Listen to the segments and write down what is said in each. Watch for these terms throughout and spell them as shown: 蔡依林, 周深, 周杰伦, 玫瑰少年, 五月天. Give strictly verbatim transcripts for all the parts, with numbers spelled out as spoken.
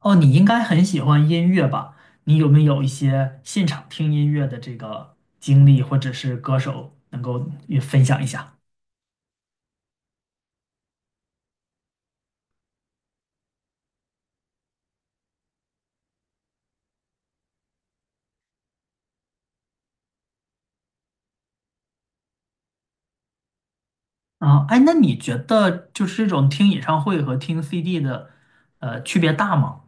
哦，你应该很喜欢音乐吧？你有没有一些现场听音乐的这个经历，或者是歌手能够也分享一下？啊，哎，那你觉得就是这种听演唱会和听 C D 的，呃，区别大吗？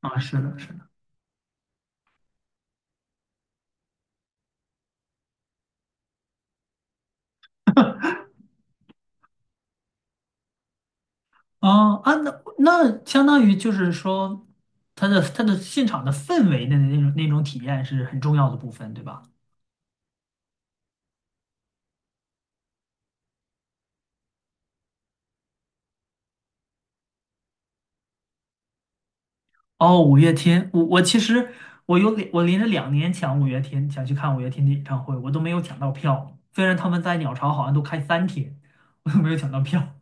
啊，是的，是的。啊啊，那那相当于就是说，它的它的现场的氛围的那种那种体验是很重要的部分，对吧？哦，五月天，我我其实我有两我连着两年抢五月天，想去看五月天的演唱会，我都没有抢到票。虽然他们在鸟巢好像都开三天，我都没有抢到票。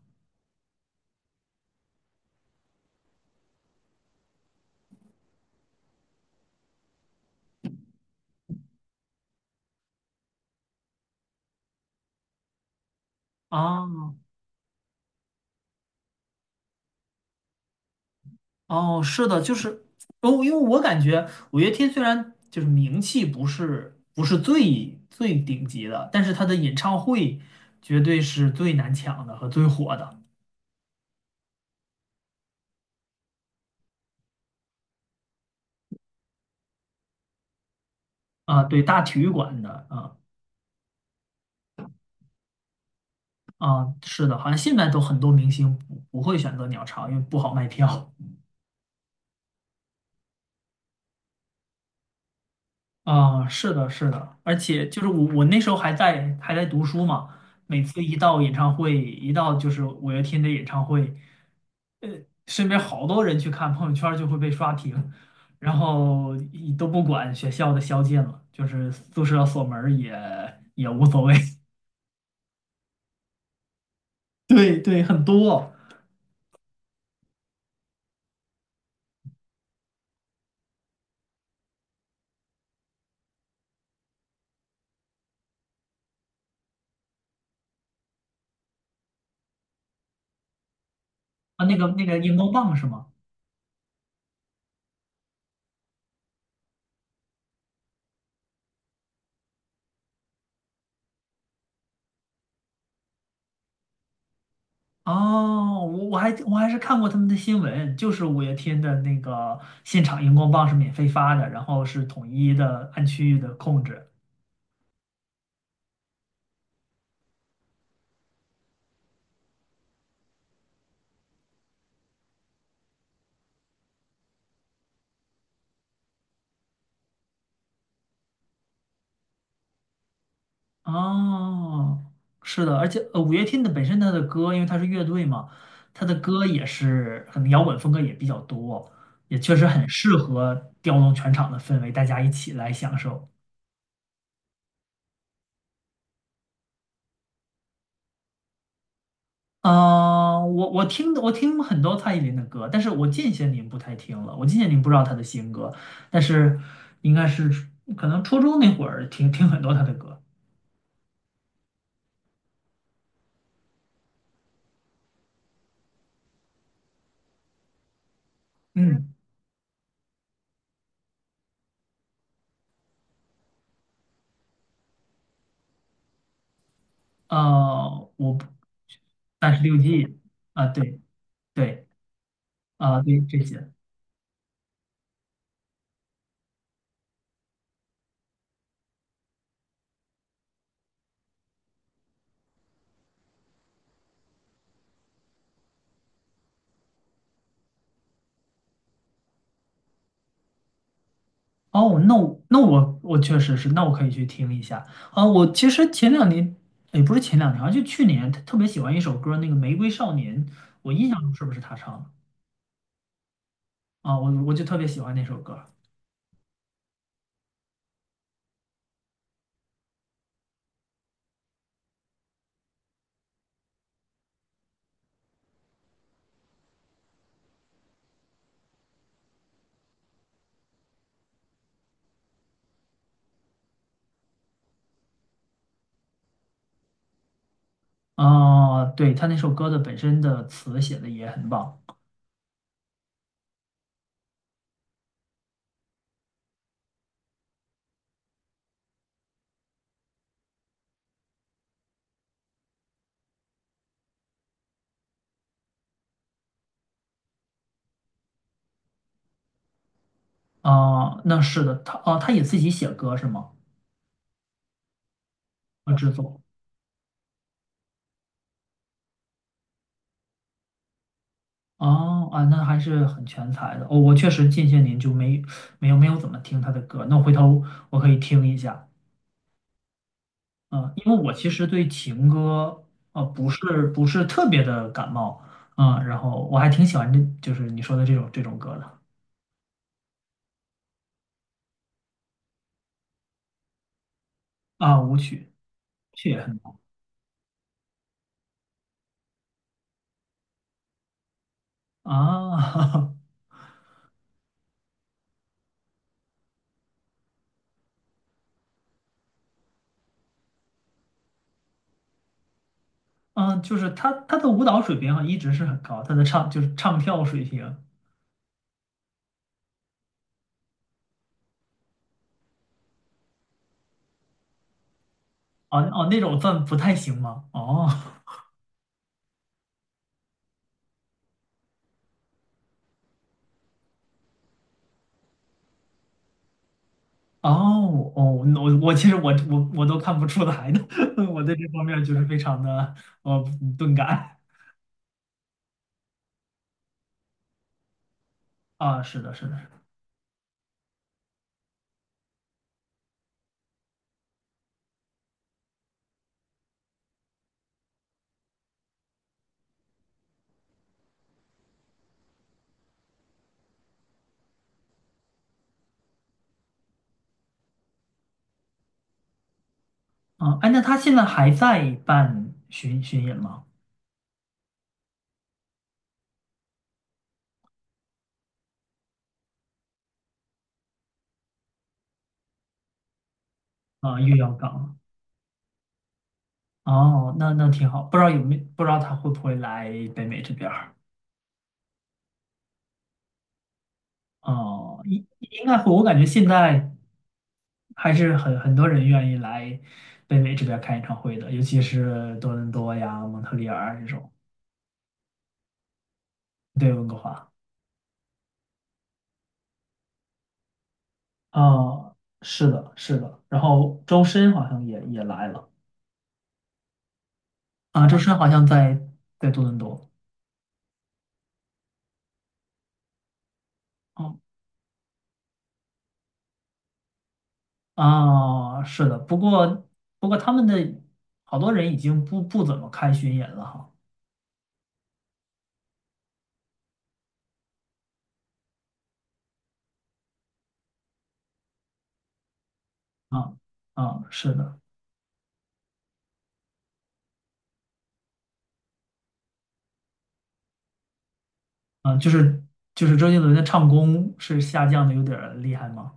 啊，哦，是的，就是哦，因为我感觉五月天虽然就是名气不是不是最最顶级的，但是他的演唱会绝对是最难抢的和最火的。啊，对，大体育馆的。啊，啊，是的，好像现在都很多明星不不会选择鸟巢，因为不好卖票。啊，是的，是的，而且就是我我那时候还在还在读书嘛，每次一到演唱会，一到就是五月天的演唱会，身边好多人去看，朋友圈儿就会被刷屏，然后一都不管学校的宵禁了，就是宿舍锁门儿也也无所谓。对对，很多。啊，那个那个荧光棒是吗？哦，我我还我还是看过他们的新闻，就是五月天的那个现场荧光棒是免费发的，然后是统一的按区域的控制。哦，是的，而且呃，五月天的本身他的歌，因为他是乐队嘛，他的歌也是可能摇滚风格也比较多，也确实很适合调动全场的氛围，大家一起来享受。啊，我我听我听很多蔡依林的歌，但是我近些年不太听了。我近些年不知道她的新歌，但是应该是可能初中那会儿听听很多她的歌。嗯，啊，我三十六计。啊，对。对啊，对这些。哦，那我那我我确实是，那我可以去听一下啊。我其实前两年也不是前两年啊，好像就去年特别喜欢一首歌，那个《玫瑰少年》，我印象中是不是他唱的？啊，我我就特别喜欢那首歌。哦，对，他那首歌的本身的词写的也很棒。哦，那是的，他哦，他也自己写歌是吗？啊，制作。哦啊，那还是很全才的。哦，我确实近些年就没没有没有怎么听他的歌，那回头我可以听一下。啊，因为我其实对情歌啊不是不是特别的感冒，啊，然后我还挺喜欢这就是你说的这种这种歌的。啊，舞曲，舞曲也很棒啊。嗯，就是他他的舞蹈水平啊一直是很高，他的唱就是唱跳水平，哦哦那种算不太行吗？哦哦哦，我我其实我我我都看不出来的，我对这方面就是非常的呃钝感。啊，是的，是的。嗯，哎，那他现在还在办巡巡演吗？啊，又要搞。哦，那那挺好，不知道有没不知道他会不会来北美这边儿？哦，应应该会，我感觉现在。还是很很多人愿意来北美这边开演唱会的，尤其是多伦多呀、蒙特利尔这种。对，温哥华。啊，是的，是的。然后周深好像也也来了。啊，周深好像在在多伦多。哦，啊，是的。不过不过他们的好多人已经不不怎么看巡演了哈。啊啊，是的。啊，就是就是周杰伦的唱功是下降的有点儿厉害吗？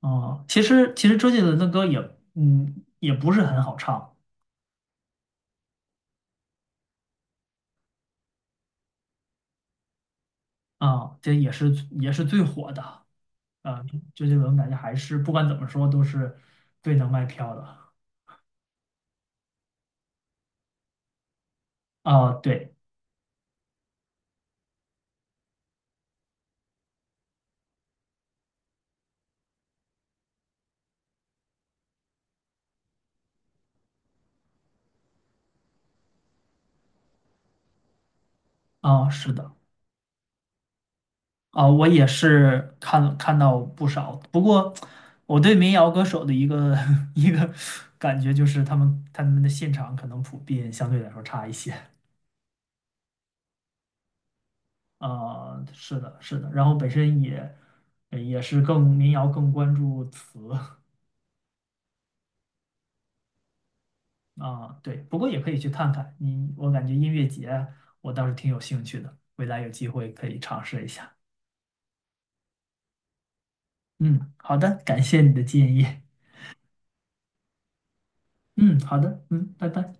哦，其实其实周杰伦的歌也，嗯，也不是很好唱。啊，这也是也是最火的啊。周杰伦感觉还是不管怎么说都是最能卖票的啊。对啊，是的。啊，我也是看看到不少。不过我对民谣歌手的一个 一个感觉就是他们他们的现场可能普遍相对来说差一些。啊。是的，是的。然后本身也呃也是更民谣更关注词。啊，对，不过也可以去看看你，我感觉音乐节我倒是挺有兴趣的，未来有机会可以尝试一下。嗯，好的，感谢你的建议。嗯，好的，嗯，拜拜。